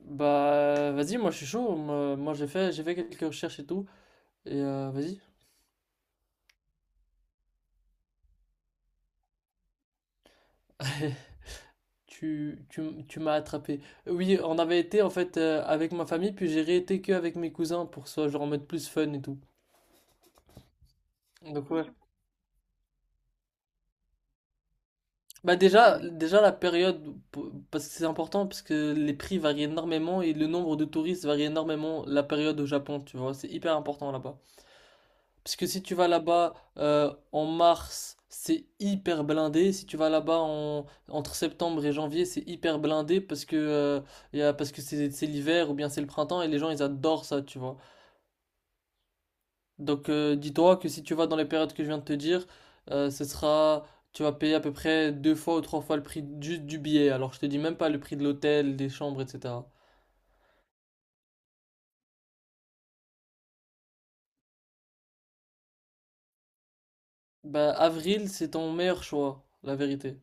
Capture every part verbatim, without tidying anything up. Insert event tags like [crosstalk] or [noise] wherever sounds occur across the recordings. Bah, vas-y, moi je suis chaud. Moi, moi, j'ai fait, j'ai fait quelques recherches et tout. Et euh, vas-y. [laughs] Tu, tu, m- tu m'as attrapé. Oui, on avait été en fait euh, avec ma famille, puis j'ai réété que avec mes cousins pour que ce soit genre en mode plus fun et tout. Donc ouais. Bah déjà, déjà la période, pour- parce que c'est important, parce que les prix varient énormément et le nombre de touristes varie énormément la période au Japon, tu vois. C'est hyper important là-bas. Parce que si tu vas là-bas euh, en mars, c'est hyper blindé. Si tu vas là-bas en, entre septembre et janvier, c'est hyper blindé parce que, euh, y a- parce que c'est c'est l'hiver ou bien c'est le printemps et les gens ils adorent ça, tu vois. Donc euh, dis-toi que si tu vas dans les périodes que je viens de te dire, euh, ce sera, tu vas payer à peu près deux fois ou trois fois le prix juste du billet. Alors je te dis même pas le prix de l'hôtel, des chambres, et cetera. Bah avril, c'est ton meilleur choix, la vérité.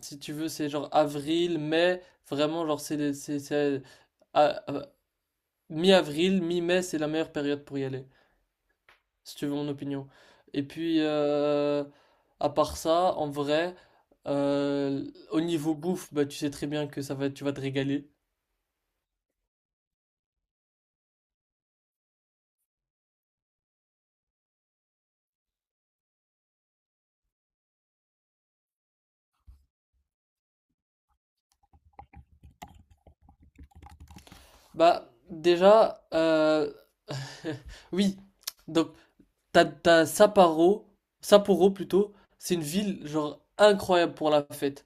Si tu veux, c'est genre avril, mai, vraiment, genre, c'est, les- c'est, c'est- à- à- mi-avril, mi-mai, c'est la meilleure période pour y aller, si tu veux mon opinion. Et puis, euh, à part ça, en vrai, euh, au niveau bouffe, bah, tu sais très bien que ça va, tu vas te régaler. Bah, déjà, euh, [laughs] oui, donc, t'as, t'as Sapporo, Sapporo plutôt, c'est une ville, genre, incroyable pour la fête.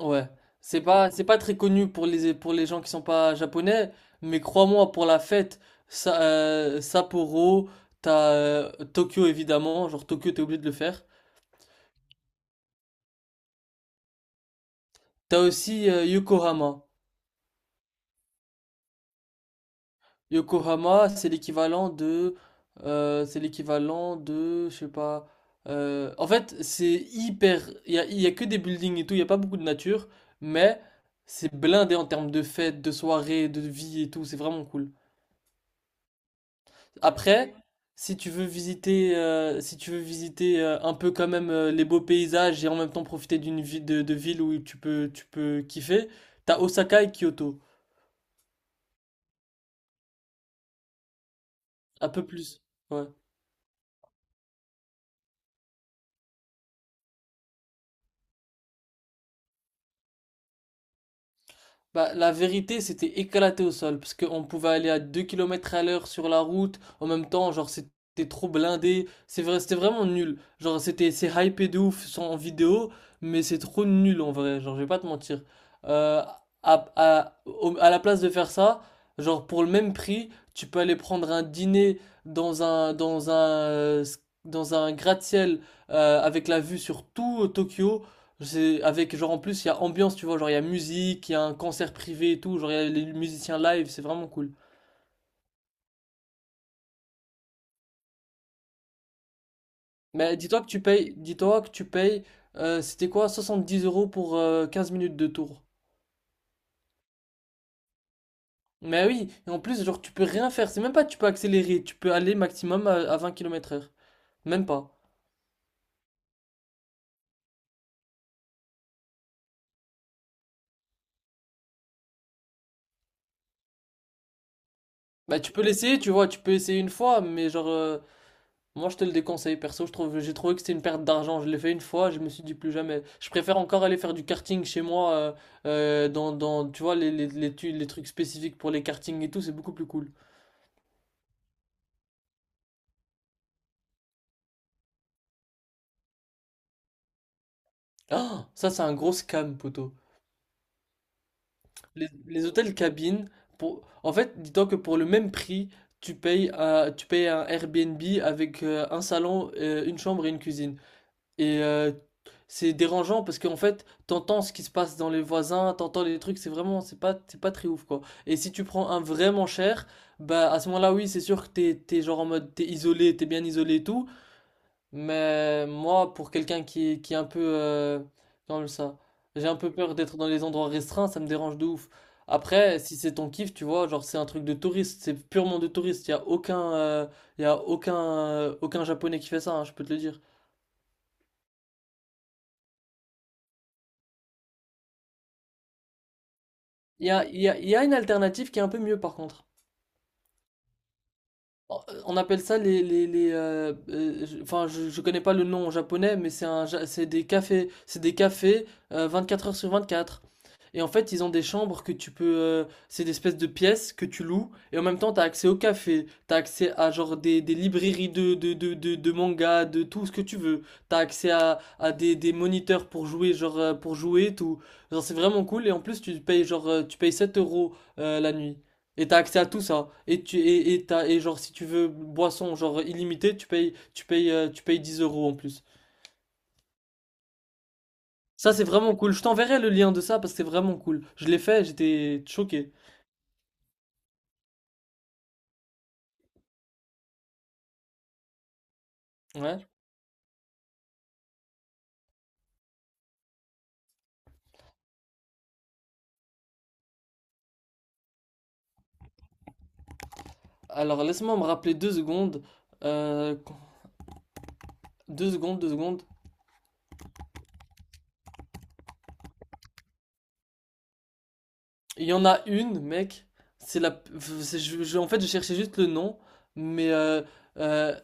Ouais, c'est pas c'est pas très connu pour les pour les gens qui sont pas japonais, mais crois-moi pour la fête, ça, euh, Sapporo, t'as euh, Tokyo évidemment, genre Tokyo t'es obligé de le faire. T'as aussi euh, Yokohama. Yokohama, c'est l'équivalent de euh, c'est l'équivalent de je sais pas euh, en fait, c'est hyper il y a, il y a que des buildings et tout, il y a pas beaucoup de nature, mais c'est blindé en termes de fêtes, de soirées, de vie et tout, c'est vraiment cool. Après, si tu veux visiter, euh, si tu veux visiter euh, un peu quand même euh, les beaux paysages et en même temps profiter d'une vie de, de ville où tu peux, tu peux kiffer, t'as Osaka et Kyoto. Un peu plus. Ouais. Bah, la vérité, c'était éclaté au sol, parce qu'on pouvait aller à deux kilomètres à l'heure sur la route, en même temps, genre, c'était trop blindé, c'est vrai, c'était vraiment nul. Genre, c'était, c'est hypé de ouf sans- en vidéo, mais c'est trop nul en vrai, genre, je vais pas te mentir. Euh, à, à, au- à la place de faire ça, genre, pour le même prix, tu peux aller prendre un dîner dans un, dans un, euh, s- dans un gratte-ciel, euh, avec la vue sur tout euh, Tokyo, c'est avec genre en plus il y a ambiance, tu vois, genre il y a musique, il y a un concert privé et tout, genre il y a les musiciens live, c'est vraiment cool. Mais dis-toi que tu payes, dis-toi que tu payes, euh, c'était quoi, soixante-dix euros pour euh, quinze minutes de tour. Mais oui, et en plus genre tu peux rien faire, c'est même pas que tu peux accélérer, tu peux aller maximum à, à vingt kilomètres à l'heure, même pas. Bah tu peux l'essayer, tu vois, tu peux essayer une fois, mais genre euh, moi, je te le déconseille, perso. Je trouve, j'ai trouvé que c'était une perte d'argent. Je l'ai fait une fois, je me suis dit plus jamais. Je préfère encore aller faire du karting chez moi, euh, euh, dans, dans, tu vois, les, les, les, tu- les trucs spécifiques pour les kartings et tout, c'est beaucoup plus cool. Ah, ça, c'est un gros scam, poteau. Les, les hôtels cabines, pour... en fait, dis-toi que pour le même prix, tu payes, euh, tu payes un Airbnb avec euh, un salon, euh, une chambre et une cuisine. Et euh, c'est dérangeant parce qu'en fait, t'entends ce qui se passe dans les voisins, t'entends les trucs, c'est vraiment, c'est pas, c'est pas très ouf quoi. Et si tu prends un vraiment cher, bah à ce moment-là, oui, c'est sûr que t'es, t'es genre en mode, t'es isolé, t'es bien isolé et tout. Mais moi, pour quelqu'un qui, est- qui est un peu, euh, comme ça, j'ai un peu peur d'être dans les endroits restreints, ça me dérange de ouf. Après, si c'est ton kiff, tu vois, genre c'est un truc de touriste, c'est purement de touriste, y a aucun, euh, y a aucun, euh, aucun japonais qui fait ça, hein, je peux te le dire. Il y a, il y a- il y a une alternative qui est un peu mieux par contre. Oh, euh, On appelle ça les, les, les euh, euh, je- enfin je, je connais pas le nom en japonais, mais c'est un ja- c'est des cafés c'est des cafés euh, vingt-quatre heures sur vingt-quatre. Et en fait, ils ont des chambres que tu peux euh, c'est des espèces de pièces que tu loues et en même temps tu as accès au café, tu as accès à genre des, des librairies de de de de, de manga, de tout ce que tu veux. Tu as accès à, à des, des moniteurs pour jouer genre euh, pour jouer tout. Genre c'est vraiment cool et en plus tu payes genre euh, tu payes sept euros euh, la nuit. Et t'as accès à tout ça. Et tu et, et t'as- et genre si tu veux boisson genre illimitée, tu payes tu payes euh, tu payes dix euros en plus. Ça c'est vraiment cool. Je t'enverrai le lien de ça parce que c'est vraiment cool. Je l'ai fait, j'étais choqué. Ouais. Alors laisse-moi me rappeler deux secondes. Euh, deux secondes, deux secondes. Il y en a une, mec. C'est la. C'est- je- je- En fait, je cherchais juste le nom, mais euh, euh,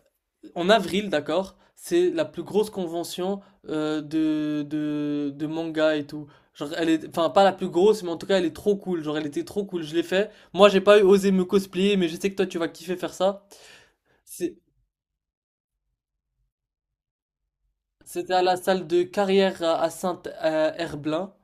en avril, d'accord, c'est la plus grosse convention euh, de, de, de manga et tout. Genre, elle est, enfin, pas la plus grosse, mais en tout cas, elle est trop cool. Genre, elle était trop cool, je l'ai fait. Moi, j'ai pas osé me cosplayer, mais je sais que toi, tu vas kiffer faire ça. C'est- C'était à la salle de carrière à à Saint-Herblain.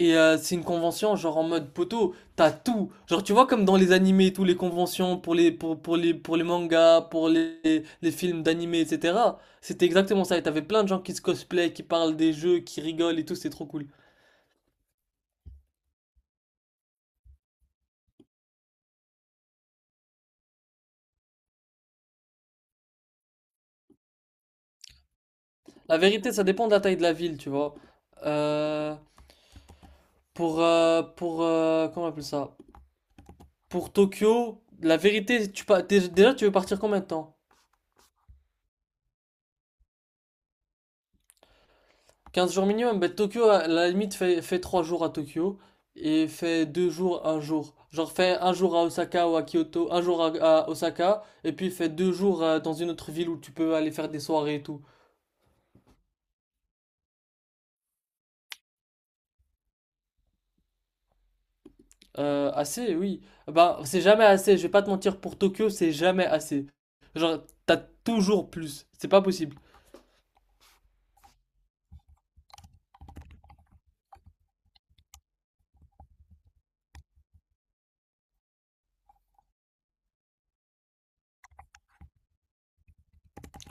Et euh, c'est une convention genre en mode poteau, t'as tout. Genre tu vois comme dans les animés, tous les conventions pour les pour, pour les pour les mangas, pour les, les films d'animés, et cetera. C'était exactement ça. Et t'avais plein de gens qui se cosplay, qui parlent des jeux, qui rigolent et tout, c'est trop cool. La vérité, ça dépend de la taille de la ville, tu vois. Euh, pour euh, pour euh, comment on appelle ça? Pour Tokyo, la vérité, tu pas déjà tu veux partir combien de temps? Quinze jours minimum, bah, Tokyo, à la limite, fait, fait trois jours à Tokyo et fait deux jours, un jour. Genre, fait un jour à Osaka ou à Kyoto, un jour à, à Osaka, et puis fait deux jours euh, dans une autre ville où tu peux aller faire des soirées et tout. Euh, assez, oui. Bah, c'est jamais assez, je vais pas te mentir, pour Tokyo, c'est jamais assez. Genre, t'as toujours plus, c'est pas possible.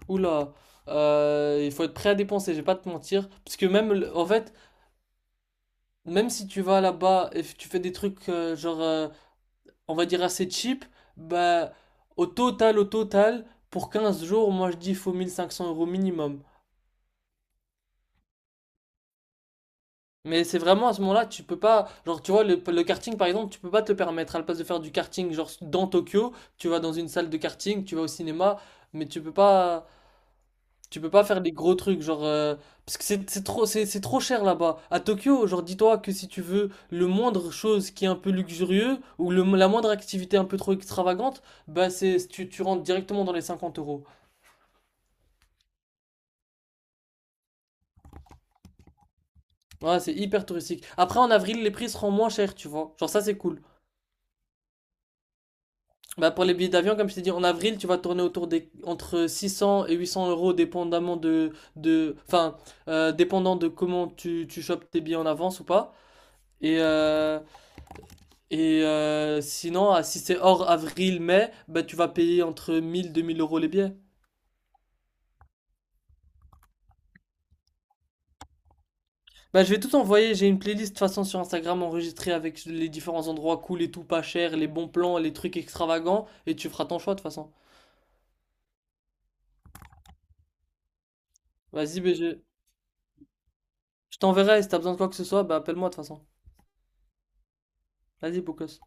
Oula, euh, il faut être prêt à dépenser, je vais pas te mentir, parce que même, le- en fait, même si tu vas là-bas et f- tu fais des trucs euh, genre. euh, on va dire assez cheap, bah, au total, au total, pour quinze jours, moi je dis il faut mille cinq cents euros minimum. Mais c'est vraiment à ce moment-là, tu peux pas, genre tu vois, le, le karting par exemple, tu peux pas te le permettre, à la place de faire du karting, genre dans Tokyo, tu vas dans une salle de karting, tu vas au cinéma, mais tu peux pas, tu peux pas faire des gros trucs, genre, euh, parce que c'est c'est trop, c'est c'est trop cher là-bas. À Tokyo, genre dis-toi que si tu veux le moindre chose qui est un peu luxurieux, ou le, la moindre activité un peu trop extravagante, bah c'est, tu, tu rentres directement dans les cinquante euros. Ouais, c'est hyper touristique. Après, en avril, les prix seront moins chers, tu vois. Genre, ça, c'est cool. Bah, pour les billets d'avion, comme je t'ai dit, en avril, tu vas tourner autour des entre six cents et huit cents euros, dépendamment de, de, enfin, euh, dépendant de comment tu, tu chopes tes billets en avance ou pas. Et, euh, et euh, sinon, ah, si c'est hors avril, mai, bah, tu vas payer entre mille deux mille euros les billets. Bah, je vais tout envoyer. J'ai une playlist, de toute façon, sur Instagram enregistrée avec les différents endroits cool et tout pas cher, les bons plans, les trucs extravagants, et tu feras ton choix, de toute façon. Vas-y, B G. Je t'enverrai, si t'as besoin de quoi que ce soit, bah appelle-moi de toute façon. Vas-y, beau gosse.